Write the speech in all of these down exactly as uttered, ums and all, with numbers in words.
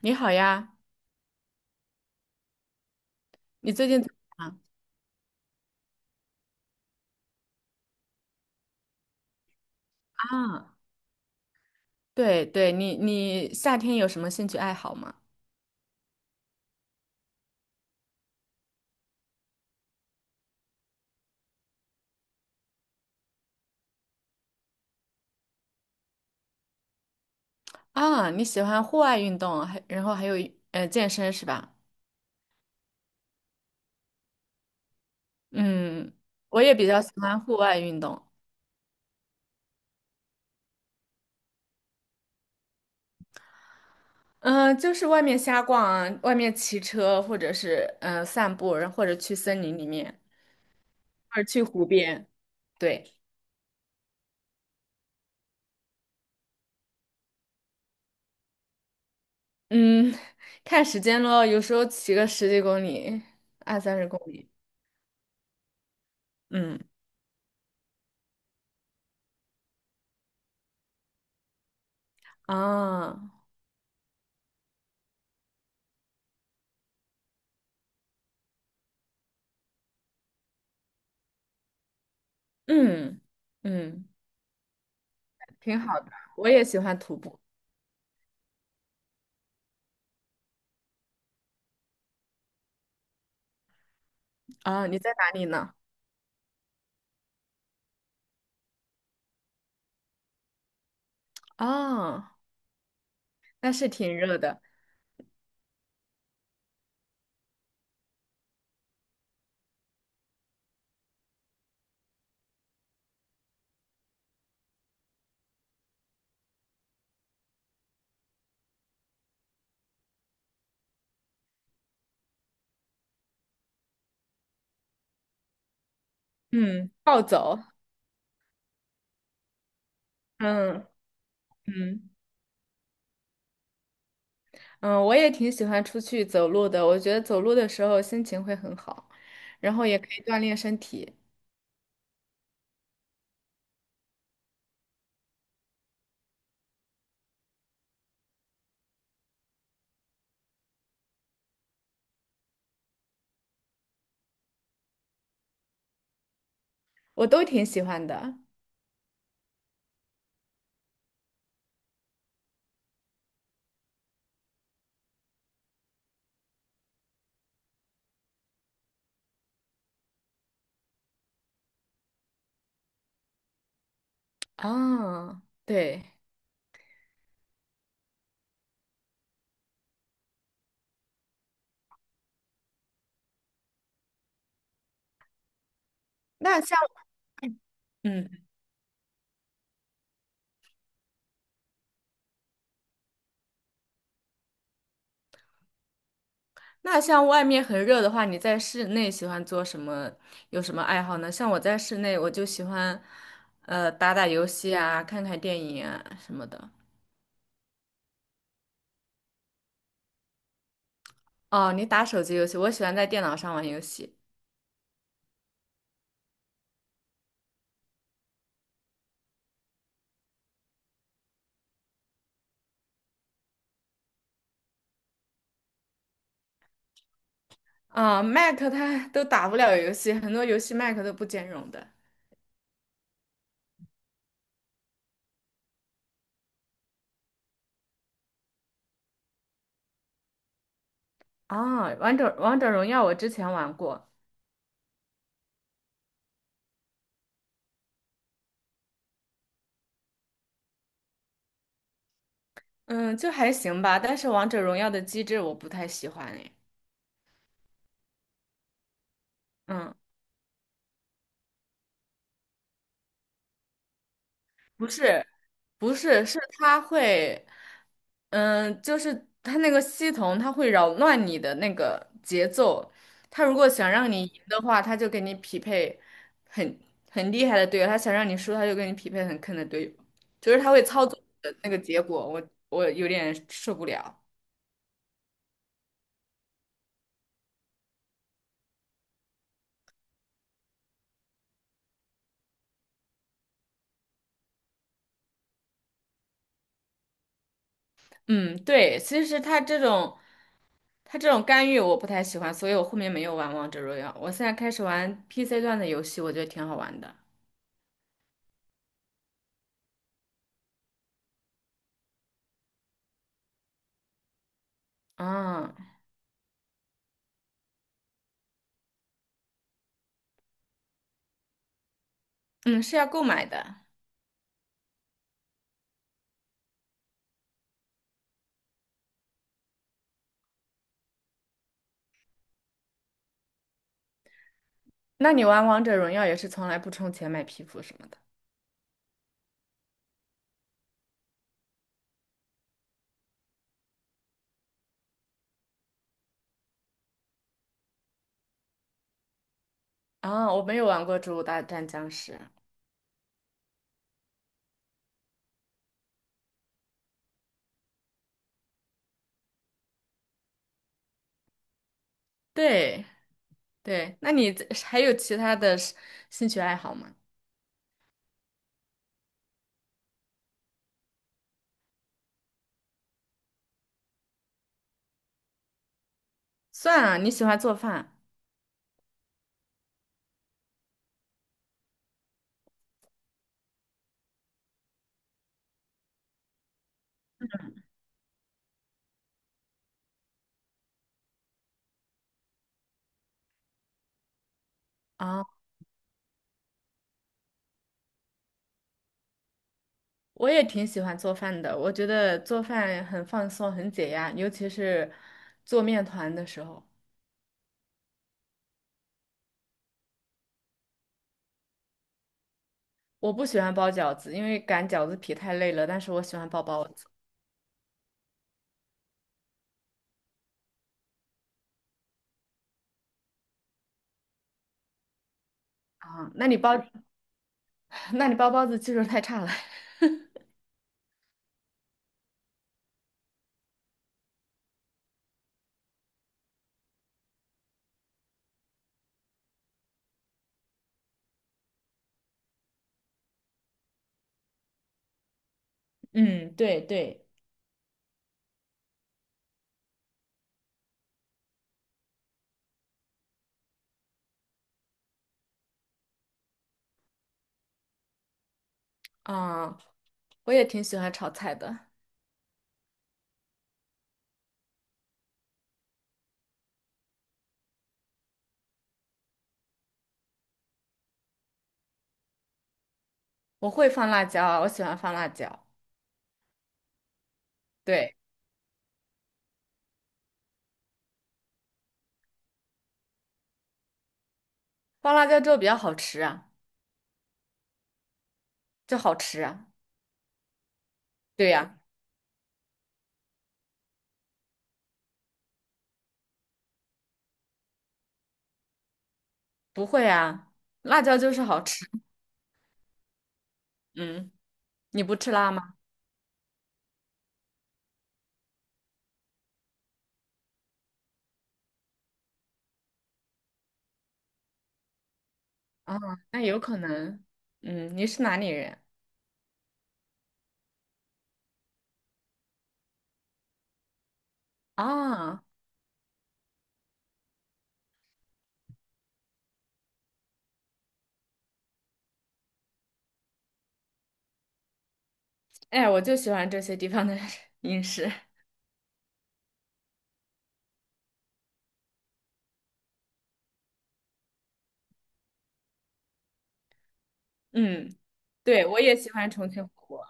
你好呀，你最近怎么样啊？对对，你你夏天有什么兴趣爱好吗？啊，你喜欢户外运动，还然后还有呃健身是吧？嗯，我也比较喜欢户外运动。嗯、就是外面瞎逛啊，外面骑车或者是嗯、呃散步，然后或者去森林里面，或者去湖边。对。嗯，看时间咯，有时候骑个十几公里，二三十公里。嗯啊，嗯嗯。挺好的，我也喜欢徒步啊。你在哪里呢？啊，那是挺热的。嗯，暴走。嗯嗯嗯，我也挺喜欢出去走路的。我觉得走路的时候心情会很好，然后也可以锻炼身体。我都挺喜欢的。啊，对。那像嗯，那像外面很热的话，你在室内喜欢做什么？有什么爱好呢？像我在室内，我就喜欢呃打打游戏啊，看看电影啊什么的。哦，你打手机游戏，我喜欢在电脑上玩游戏。啊、m a c 它都打不了游戏，很多游戏 Mac 都不兼容的。啊、王者王者荣耀我之前玩过，嗯，就还行吧，但是王者荣耀的机制我不太喜欢诶。嗯不是，不是，是他会，嗯，就是他那个系统，他会扰乱你的那个节奏。他如果想让你赢的话，他就给你匹配很很厉害的队友；他想让你输，他就给你匹配很坑的队友。就是他会操作的那个结果，我我有点受不了。嗯，对，其实他这种他这种干预我不太喜欢，所以我后面没有玩王者荣耀。我现在开始玩 P C 段的游戏，我觉得挺好玩的。啊。嗯，是要购买的。那你玩王者荣耀也是从来不充钱买皮肤什么的啊？我没有玩过《植物大战僵尸》。对对，那你这还有其他的是兴趣爱好吗？算了，你喜欢做饭啊？我也挺喜欢做饭的，我觉得做饭很放松，很解压，尤其是做面团的时候。我不喜欢包饺子，因为擀饺子皮太累了，但是我喜欢包包子啊。那你包，那你包包子技术太差了。嗯，对对。啊，我也挺喜欢炒菜的，我会放辣椒啊，我喜欢放辣椒。对，放辣椒之后比较好吃啊，就好吃啊。对呀，不会啊，辣椒就是好吃。嗯，你不吃辣吗？啊，那有可能。嗯，你是哪里人啊？哎，我就喜欢这些地方的 饮食。嗯，对，我也喜欢重庆火锅。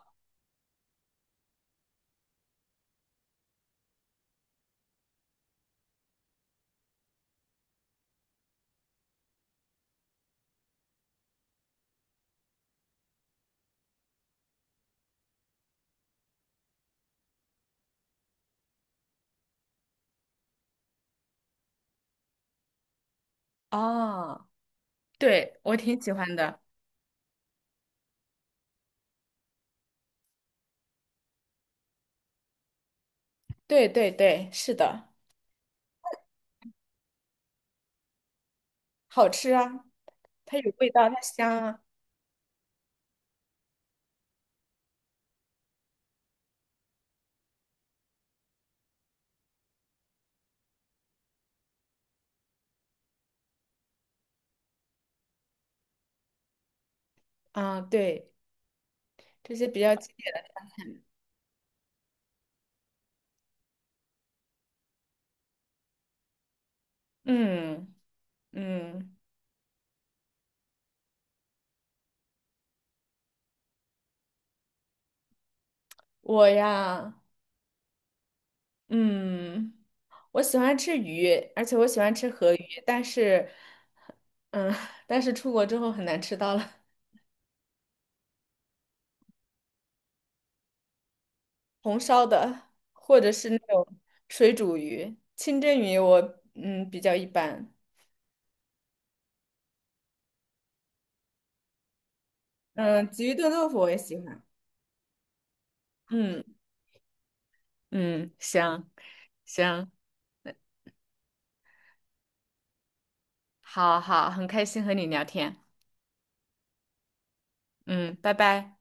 哦，对，我挺喜欢的。对对对，是的，好吃啊，它有味道，它香啊。啊，对，这些比较经典。嗯嗯，我呀，嗯，我喜欢吃鱼，而且我喜欢吃河鱼，但是，嗯，但是出国之后很难吃到了红烧的，或者是那种水煮鱼、清蒸鱼我，嗯比较一般，嗯，鲫鱼炖豆腐我也喜欢，嗯嗯，行行，好好，很开心和你聊天，嗯，拜拜。